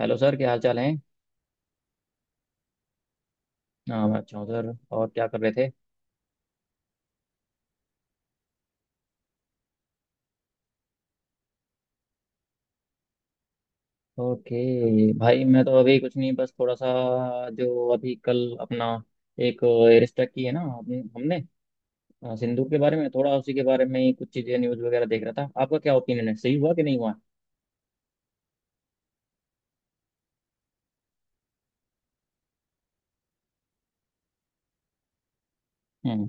Hello sir, क्या हाल चाल है? हाँ, मैं अच्छा हूँ सर। और क्या कर रहे थे? ओके भाई, मैं तो अभी कुछ नहीं। बस थोड़ा सा जो अभी कल अपना एक रिस्ट्रिक्ट की है ना हमने हमने, सिंदूर के बारे में, थोड़ा उसी के बारे में ही कुछ चीज़ें न्यूज़ वगैरह देख रहा था। आपका क्या ओपिनियन है? सही हुआ कि नहीं हुआ? हम्म।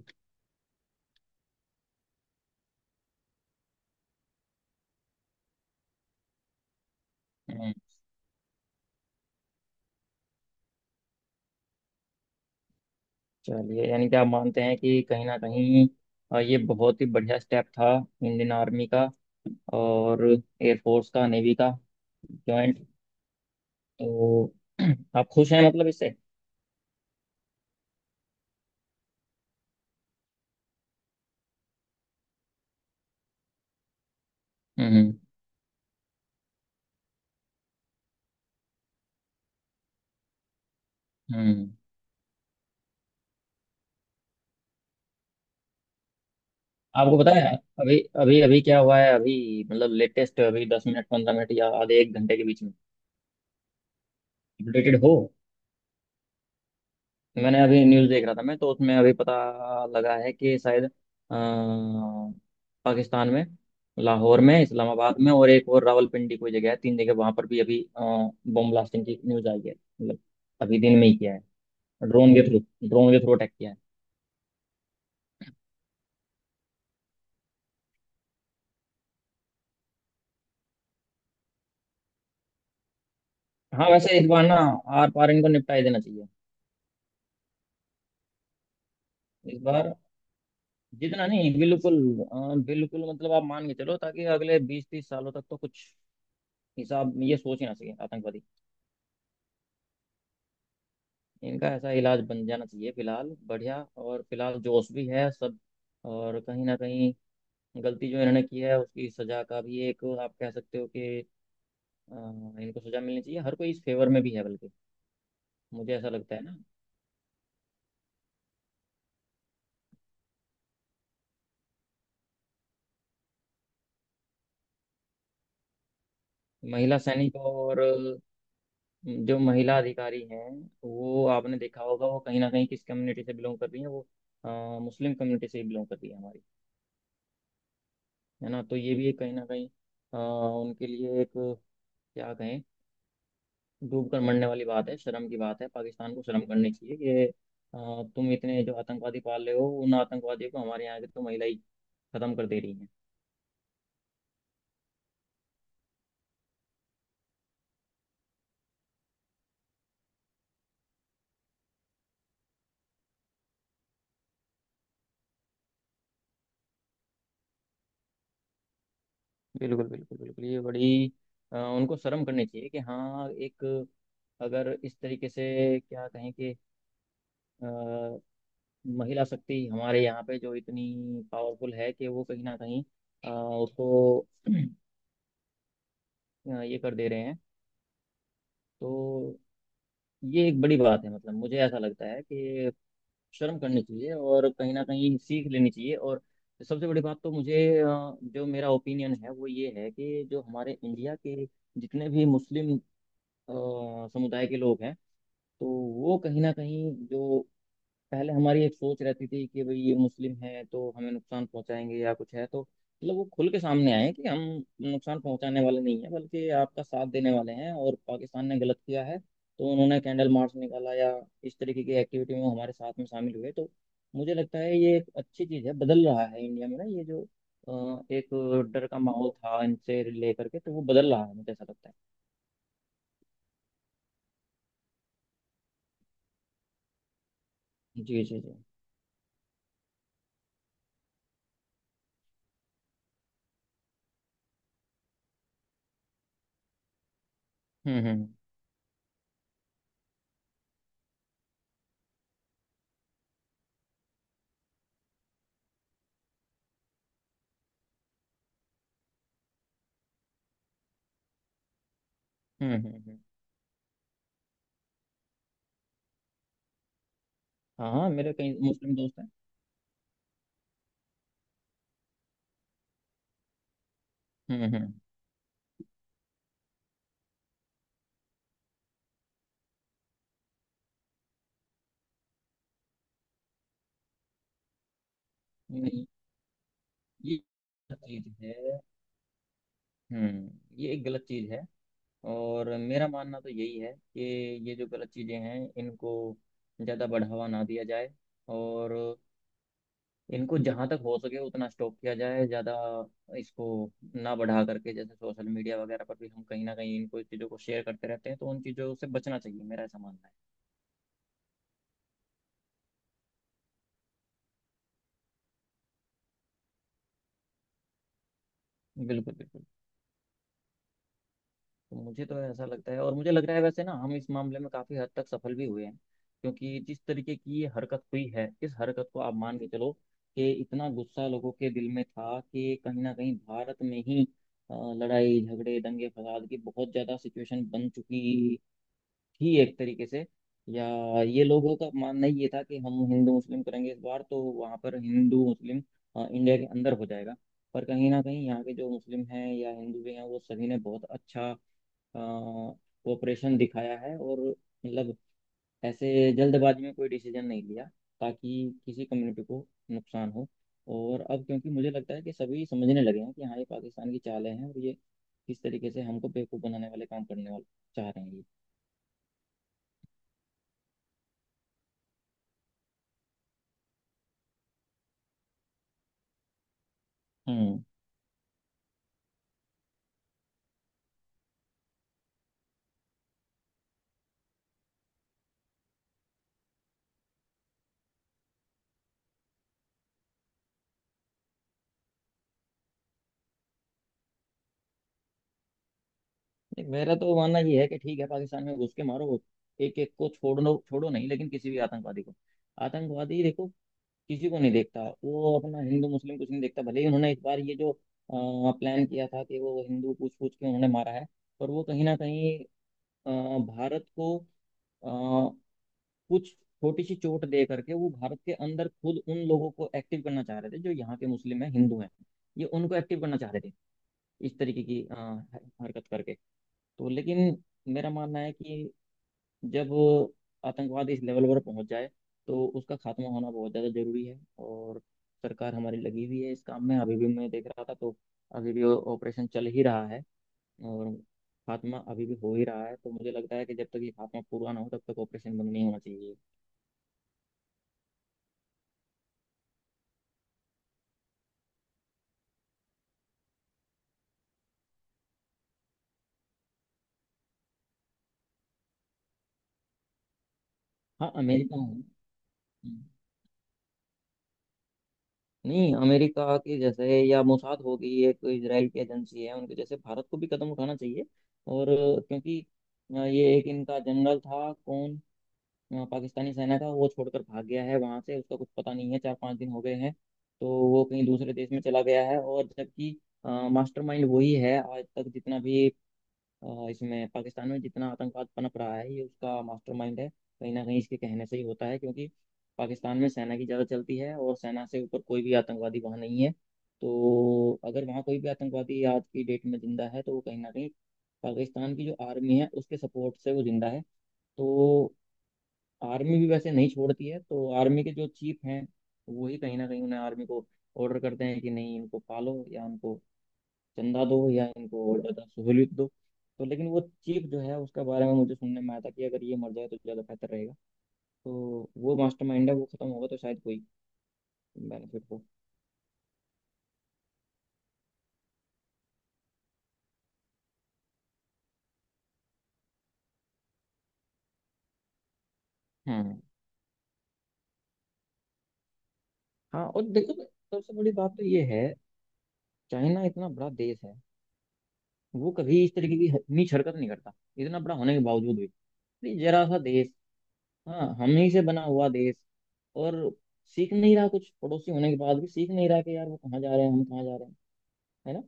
हम्म। चलिए, यानी कि आप मानते हैं कि कहीं ना कहीं ये बहुत ही बढ़िया स्टेप था इंडियन आर्मी का और एयरफोर्स का, नेवी का जॉइंट। तो आप खुश हैं मतलब इससे? हम्म। हम्म। आपको पता है अभी अभी अभी क्या हुआ है अभी? मतलब लेटेस्ट, अभी 10 मिनट, 15 मिनट या आधे एक घंटे के बीच में अपडेटेड हो? तो मैंने अभी न्यूज़ देख रहा था मैं, तो उसमें अभी पता लगा है कि शायद पाकिस्तान में, लाहौर में, इस्लामाबाद में और एक और रावलपिंडी कोई जगह है, 3 जगह वहां पर भी अभी बम ब्लास्टिंग की न्यूज़ आई है। मतलब अभी दिन में ही किया है, ड्रोन के थ्रू। ड्रोन के थ्रू अटैक किया है। हाँ, वैसे इस बार ना आर पार इनको निपटा ही देना चाहिए। इस बार जितना नहीं, बिल्कुल बिल्कुल मतलब, आप मान के चलो, ताकि अगले 20-30 सालों तक तो कुछ हिसाब ये सोच ही ना सके आतंकवादी। इनका ऐसा इलाज बन जाना चाहिए फिलहाल, बढ़िया। और फिलहाल जोश भी है सब। और कहीं ना कहीं गलती जो इन्होंने की है उसकी सजा का भी, एक आप कह सकते हो कि अ, इनको सजा मिलनी चाहिए। हर कोई इस फेवर में भी है, बल्कि मुझे ऐसा लगता है ना। महिला सैनिक, और जो महिला अधिकारी हैं वो आपने देखा होगा, वो कहीं ना कहीं किस कम्युनिटी से बिलोंग कर रही है वो? अ, मुस्लिम कम्युनिटी से ही बिलोंग करती है हमारी, है ना? तो ये भी एक कहीं ना कहीं उनके लिए एक क्या कहें, डूब कर मरने वाली बात है, शर्म की बात है। पाकिस्तान को शर्म करनी चाहिए कि अ, तुम इतने जो आतंकवादी पाल रहे हो, उन आतंकवादियों को हमारे यहाँ की तो महिला ही खत्म कर दे रही है। बिल्कुल, बिल्कुल, बिल्कुल। ये बड़ी उनको शर्म करनी चाहिए कि हाँ, एक अगर इस तरीके से क्या कहें कि महिला शक्ति हमारे यहाँ पे जो इतनी पावरफुल है कि वो कहीं ना कहीं उसको ये कर दे रहे हैं। तो ये एक बड़ी बात है, मतलब मुझे ऐसा लगता है कि शर्म करनी चाहिए और कहीं ना कहीं सीख लेनी चाहिए। और सबसे बड़ी बात तो मुझे, जो मेरा ओपिनियन है वो ये है कि जो हमारे इंडिया के जितने भी मुस्लिम समुदाय के लोग हैं, तो वो कहीं ना कहीं, जो पहले हमारी एक सोच रहती थी कि भाई ये मुस्लिम है तो हमें नुकसान पहुंचाएंगे या कुछ है, तो मतलब वो खुल के सामने आए कि हम नुकसान पहुंचाने वाले नहीं है, बल्कि आपका साथ देने वाले हैं। और पाकिस्तान ने गलत किया है तो उन्होंने कैंडल मार्च निकाला या इस तरीके की एक्टिविटी में वो हमारे साथ में शामिल हुए। तो मुझे लगता है ये एक अच्छी चीज़ है। बदल रहा है इंडिया में ना, ये जो एक डर का माहौल था इनसे लेकर के तो वो बदल रहा है, मुझे ऐसा लगता है। जी जी जी। हम्म। हम्म। हाँ हाँ, मेरे कई मुस्लिम दोस्त हैं। हम्म। हम्म। नहीं, ये गलत चीज है। हम्म। ये एक गलत चीज है। और मेरा मानना तो यही है कि ये जो गलत चीजें हैं इनको ज्यादा बढ़ावा ना दिया जाए। और इनको जहां तक हो सके उतना स्टॉप किया जाए, ज्यादा इसको ना बढ़ा करके। जैसे सोशल मीडिया वगैरह पर भी हम कहीं ना कहीं इनको, इस चीजों को शेयर करते रहते हैं, तो उन चीजों से बचना चाहिए, मेरा ऐसा मानना है। बिल्कुल, बिल्कुल। तो मुझे तो ऐसा लगता है, और मुझे लग रहा है वैसे ना हम इस मामले में काफी हद तक सफल भी हुए हैं, क्योंकि जिस तरीके की ये हरकत हुई है इस हरकत को आप मान के चलो कि इतना गुस्सा लोगों के दिल में था कि कहीं ना कहीं भारत में ही लड़ाई झगड़े दंगे फसाद की बहुत ज्यादा सिचुएशन बन चुकी थी एक तरीके से। या ये लोगों का मानना ये था कि हम हिंदू मुस्लिम करेंगे इस बार, तो वहां पर हिंदू मुस्लिम इंडिया के अंदर हो जाएगा। पर कहीं ना कहीं यहाँ के जो मुस्लिम हैं या हिंदू भी हैं, वो सभी ने बहुत अच्छा कोऑपरेशन दिखाया है। और मतलब ऐसे जल्दबाजी में कोई डिसीजन नहीं लिया ताकि किसी कम्युनिटी को नुकसान हो। और अब क्योंकि मुझे लगता है कि सभी समझने लगे हैं कि हाँ, ये पाकिस्तान की चालें हैं, और ये किस तरीके से हमको बेवकूफ़ बनाने वाले, काम करने वाले चाह रहे हैं ये। हम्म। देख, मेरा तो मानना ये है कि ठीक है, पाकिस्तान में घुस के मारो, एक एक को छोड़ो, छोड़ो नहीं लेकिन किसी भी आतंकवादी को। आतंकवादी देखो, किसी को नहीं देखता वो, अपना हिंदू मुस्लिम कुछ नहीं देखता। भले ही उन्होंने इस बार ये जो प्लान किया था कि वो हिंदू पूछ पूछ के उन्होंने मारा है। पर वो कहीं ना कहीं अ, भारत को अ, कुछ छोटी सी चोट दे करके वो भारत के अंदर खुद उन लोगों को एक्टिव करना चाह रहे थे, जो यहाँ के मुस्लिम हैं, हिंदू हैं। ये उनको एक्टिव करना चाह रहे थे इस तरीके की हरकत करके। तो लेकिन मेरा मानना है कि जब वो आतंकवाद इस लेवल पर पहुंच जाए, तो उसका खात्मा होना बहुत ज़्यादा जरूरी है। और सरकार हमारी लगी हुई है इस काम में, अभी भी मैं देख रहा था तो अभी भी ऑपरेशन चल ही रहा है, और खात्मा अभी भी हो ही रहा है। तो मुझे लगता है कि जब तक ये खात्मा पूरा ना हो, तब तक ऑपरेशन बंद नहीं होना चाहिए। हाँ, अमेरिका है। हम्म। नहीं, अमेरिका के जैसे या मोसाद होगी एक इसराइल की एजेंसी है, उनके जैसे भारत को भी कदम उठाना चाहिए। और क्योंकि ये एक इनका जनरल था कौन, पाकिस्तानी सेना का, वो छोड़कर भाग गया है वहां से। उसका कुछ पता नहीं है, 4-5 दिन हो गए हैं। तो वो कहीं दूसरे देश में चला गया है। और जबकि मास्टरमाइंड वही है। आज तक जितना भी इसमें पाकिस्तान में जितना आतंकवाद पनप रहा है, ये उसका मास्टरमाइंड है कहीं ना कहीं। इसके कहने से ही होता है, क्योंकि पाकिस्तान में सेना की ज़्यादा चलती है, और सेना से ऊपर कोई भी आतंकवादी वहाँ नहीं है। तो अगर वहाँ कोई भी आतंकवादी आज की डेट में जिंदा है, तो वो कहीं ना कहीं पाकिस्तान की जो आर्मी है उसके सपोर्ट से वो जिंदा है। तो आर्मी भी वैसे नहीं छोड़ती है, तो आर्मी के जो चीफ हैं, वही कहीं ना कहीं उन्हें, आर्मी को ऑर्डर करते हैं कि नहीं, इनको पालो या इनको चंदा दो या इनको और ज़्यादा सहूलियत दो। तो लेकिन वो चीफ जो है उसका बारे में मुझे सुनने में आया था कि अगर ये मर जाए तो ज़्यादा बेहतर रहेगा। तो वो मास्टरमाइंड है, वो खत्म होगा तो शायद कोई बेनिफिट हो। हम्म। हाँ, और देखो सबसे बड़ी बात तो ये है, चाइना इतना बड़ा देश है, वो कभी इस तरीके की नीच हरकत नहीं करता, इतना बड़ा होने के बावजूद भी। ये जरा सा देश, हाँ हम ही से बना हुआ देश, और सीख नहीं रहा कुछ। पड़ोसी होने के बाद भी सीख नहीं रहा कि यार वो कहाँ जा रहे हैं, हम कहाँ जा रहे हैं, है ना?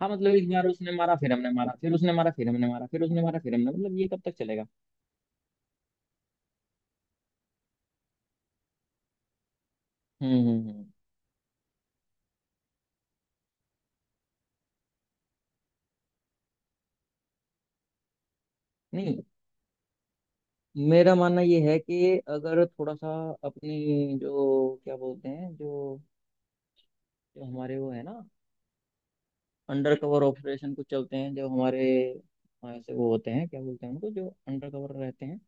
हाँ, मतलब एक बार उसने मारा, फिर हमने मारा, फिर उसने मारा, फिर हमने मारा, फिर उसने मारा, फिर हमने, मतलब ये कब तक चलेगा? हम्म। नहीं, मेरा मानना ये है कि अगर थोड़ा सा अपनी, जो क्या बोलते हैं, जो जो हमारे वो है ना अंडर कवर ऑपरेशन कुछ चलते हैं जो हमारे, ऐसे वो होते हैं, क्या बोलते हैं उनको जो अंडर कवर रहते हैं,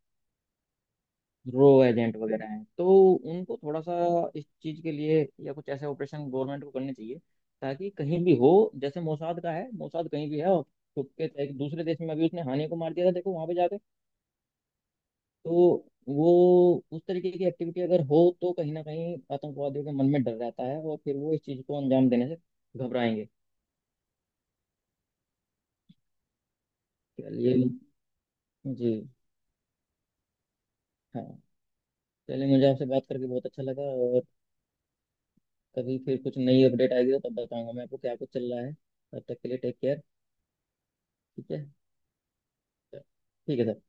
रो एजेंट वगैरह हैं। तो उनको थोड़ा सा इस चीज़ के लिए या कुछ ऐसे ऑपरेशन गवर्नमेंट को करने चाहिए, ताकि कहीं भी हो, जैसे मोसाद का है, मोसाद कहीं भी है और छुप के एक दूसरे देश में अभी उसने हानि को मार दिया था, देखो वहां पे जाके। तो वो उस तरीके की एक्टिविटी अगर हो, तो कहीं ना कहीं आतंकवादियों के मन में डर रहता है, और फिर वो इस चीज़ को अंजाम देने से घबराएंगे। चलिए। जी, हाँ। चलिए, मुझे आपसे बात करके बहुत अच्छा लगा। और कभी फिर कुछ नई अपडेट आएगी तो तब बताऊंगा मैं आपको क्या कुछ चल रहा है। तब तक के लिए टेक केयर। ठीक है। ठीक है सर।